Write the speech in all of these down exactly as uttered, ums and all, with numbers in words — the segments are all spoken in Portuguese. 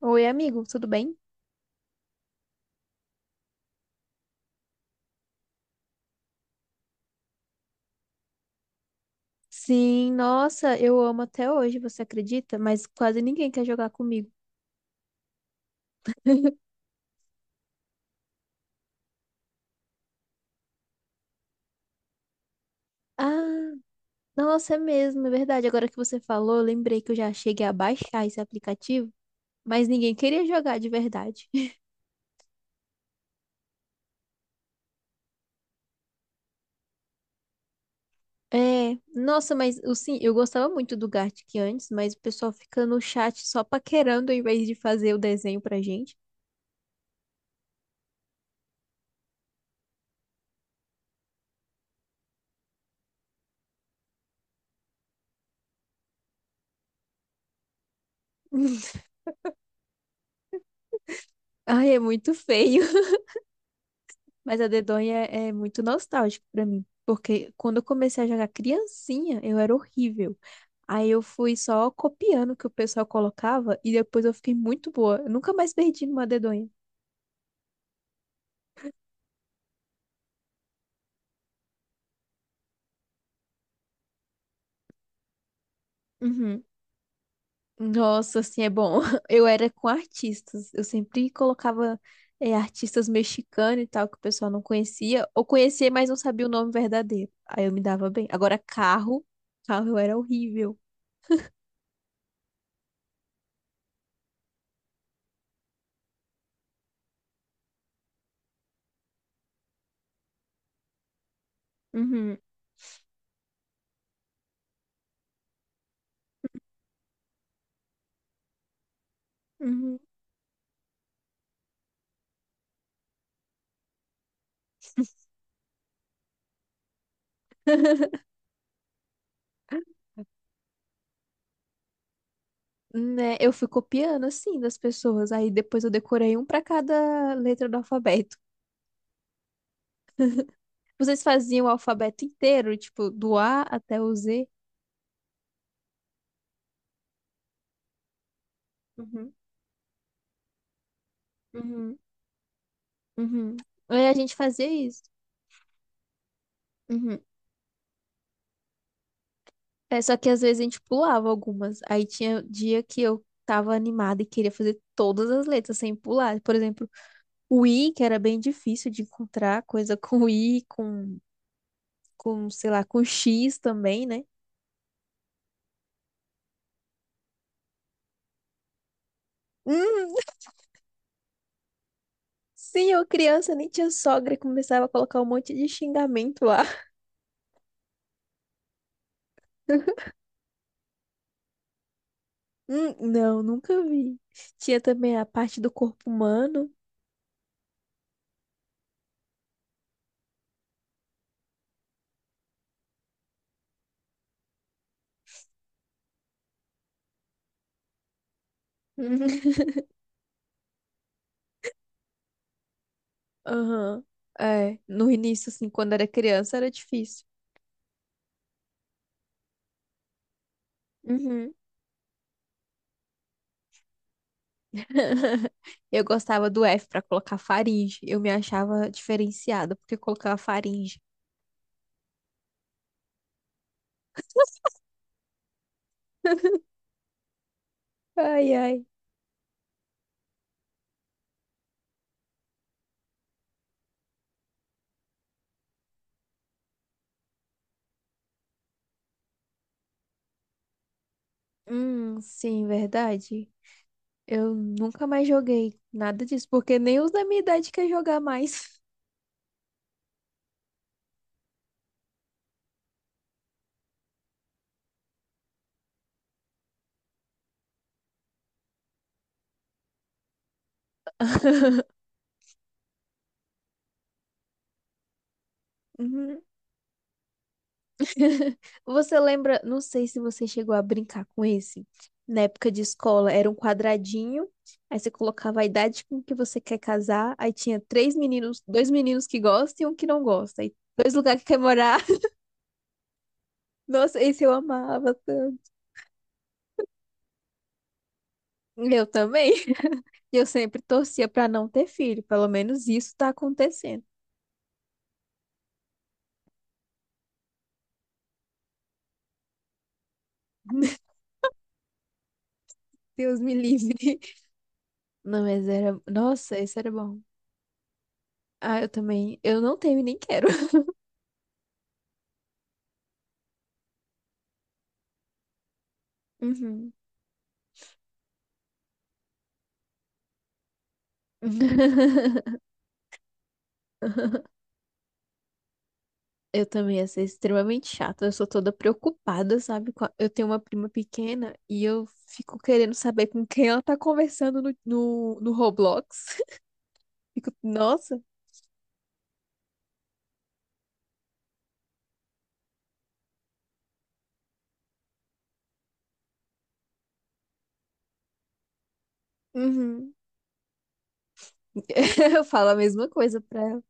Oi, amigo, tudo bem? Sim, nossa, eu amo até hoje, você acredita? Mas quase ninguém quer jogar comigo. Ah, nossa, é mesmo, é verdade. Agora que você falou, eu lembrei que eu já cheguei a baixar esse aplicativo, mas ninguém queria jogar de verdade. É, nossa, mas eu, sim, eu gostava muito do Gartic antes, mas o pessoal fica no chat só paquerando ao invés de fazer o desenho pra gente. Ai, é muito feio. Mas a dedonha é é muito nostálgico pra mim, porque quando eu comecei a jogar criancinha, eu era horrível. Aí eu fui só copiando o que o pessoal colocava e depois eu fiquei muito boa. Eu nunca mais perdi numa dedonha. Uhum. Nossa, assim, é bom. Eu era com artistas. Eu sempre colocava eh, artistas mexicanos e tal, que o pessoal não conhecia. Ou conhecia, mas não sabia o nome verdadeiro. Aí eu me dava bem. Agora, carro, carro eu era horrível. Uhum. Uhum. Né? Eu fui copiando, assim, das pessoas. Aí depois eu decorei um pra cada letra do alfabeto. Vocês faziam o alfabeto inteiro, tipo, do A até o Z? Uhum, uhum, uhum. Aí a gente fazia isso. Uhum. É, só que às vezes a gente pulava algumas. Aí tinha dia que eu tava animada e queria fazer todas as letras sem pular. Por exemplo, o I, que era bem difícil de encontrar, coisa com I, com, com, sei lá, com X também, né? Sim, eu criança nem tinha sogra e começava a colocar um monte de xingamento lá. Hum, não, nunca vi. Tinha também a parte do corpo humano. Uhum. Aham. É, no início, assim, quando era criança, era difícil. Uhum. Eu gostava do F pra colocar faringe. Eu me achava diferenciada porque eu colocava faringe. Ai, ai. Hum, sim, verdade. Eu nunca mais joguei nada disso, porque nem os da minha idade quer jogar mais. Você lembra? Não sei se você chegou a brincar com esse. Na época de escola, era um quadradinho, aí você colocava a idade com que você quer casar, aí tinha três meninos, dois meninos que gostam e um que não gosta, aí dois lugares que quer morar. Nossa, esse eu amava tanto. Eu também. E eu sempre torcia pra não ter filho, pelo menos isso tá acontecendo. Deus me livre. Não, mas era. Nossa, esse era bom. Ah, eu também. Eu não tenho e nem quero. Uhum. Eu também ia ser extremamente chata. Eu sou toda preocupada, sabe? Com a- Eu tenho uma prima pequena e eu fico querendo saber com quem ela tá conversando no, no, no Roblox. Fico, nossa. Uhum. Eu falo a mesma coisa pra ela.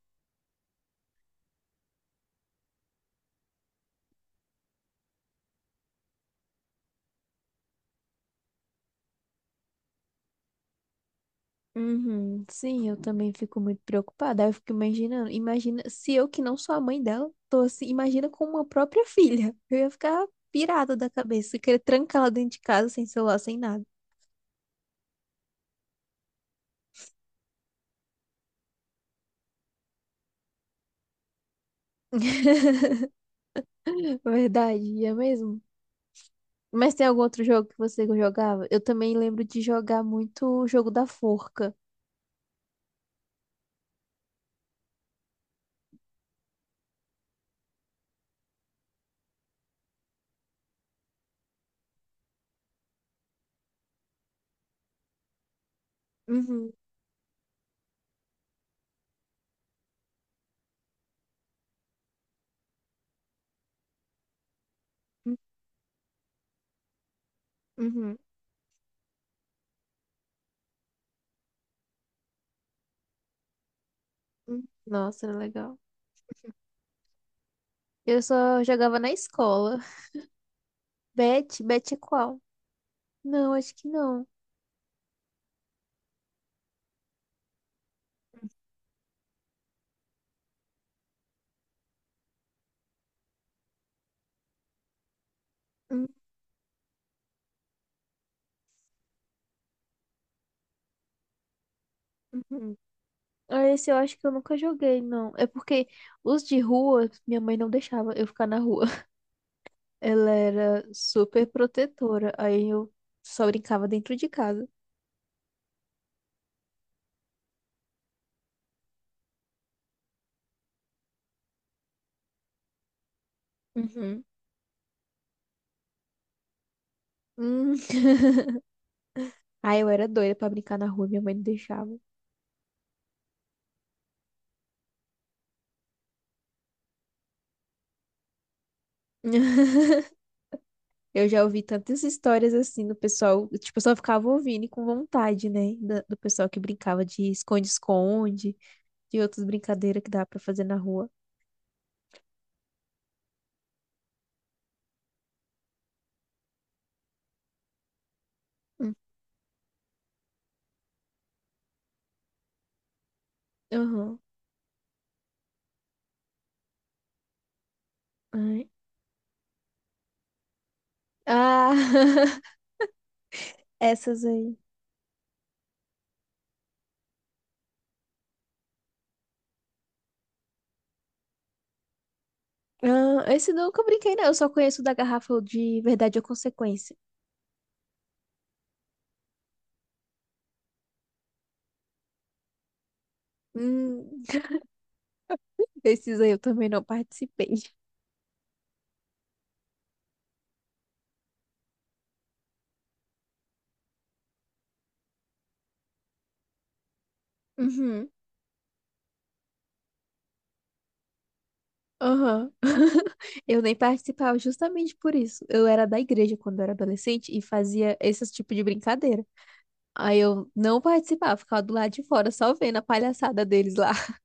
Uhum. Sim, eu também fico muito preocupada. Aí eu fico imaginando. Imagina se eu, que não sou a mãe dela, tô assim. Imagina com uma própria filha. Eu ia ficar pirada da cabeça, querer trancar ela dentro de casa sem celular, sem nada. Verdade, ia mesmo. Mas tem algum outro jogo que você jogava? Eu também lembro de jogar muito o jogo da forca. Uhum, uhum, uhum. Uhum. Nossa, era legal. Eu só jogava na escola. Bet, Bet é qual? Não, acho que não. Uhum, uhum. Ah, esse eu acho que eu nunca joguei, não. É porque os de rua, minha mãe não deixava eu ficar na rua. Ela era super protetora. Aí eu só brincava dentro de casa. Uhum. Hum. Aí eu era doida pra brincar na rua, minha mãe não deixava. Eu já ouvi tantas histórias assim do pessoal, tipo, eu só ficava ouvindo e com vontade, né? Da- Do pessoal que brincava de esconde-esconde, de outras brincadeiras que dá pra fazer na rua. Hum, Aham. Ai. Ah, essas aí. Ah, esse nunca eu brinquei, não. Eu só conheço o da garrafa de verdade ou consequência. Hum, esses aí eu também não participei. Uhum. Aham. Eu nem participava justamente por isso. Eu era da igreja quando eu era adolescente e fazia esse tipo de brincadeira. Aí eu não participava, ficava do lado de fora, só vendo a palhaçada deles lá.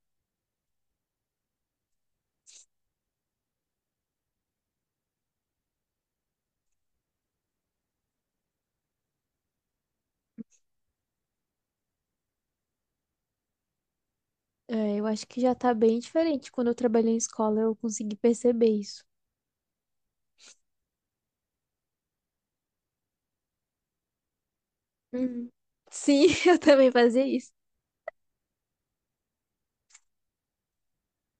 É, eu acho que já tá bem diferente. Quando eu trabalhei em escola, eu consegui perceber isso. Uhum. Sim, eu também fazia isso.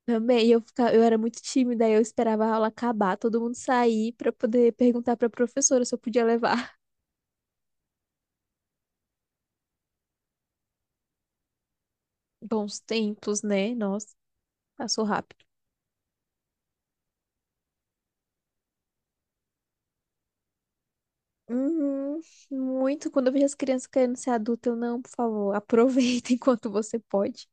Também, eu ficava, eu era muito tímida, aí eu esperava a aula acabar, todo mundo sair pra poder perguntar pra professora se eu podia levar. Bons tempos, né? Nossa, passou rápido. Uhum, muito. Quando eu vejo as crianças querendo ser adulta, eu não, por favor, aproveita enquanto você pode.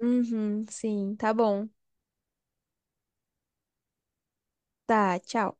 Uhum, sim, tá bom. Tá, tchau.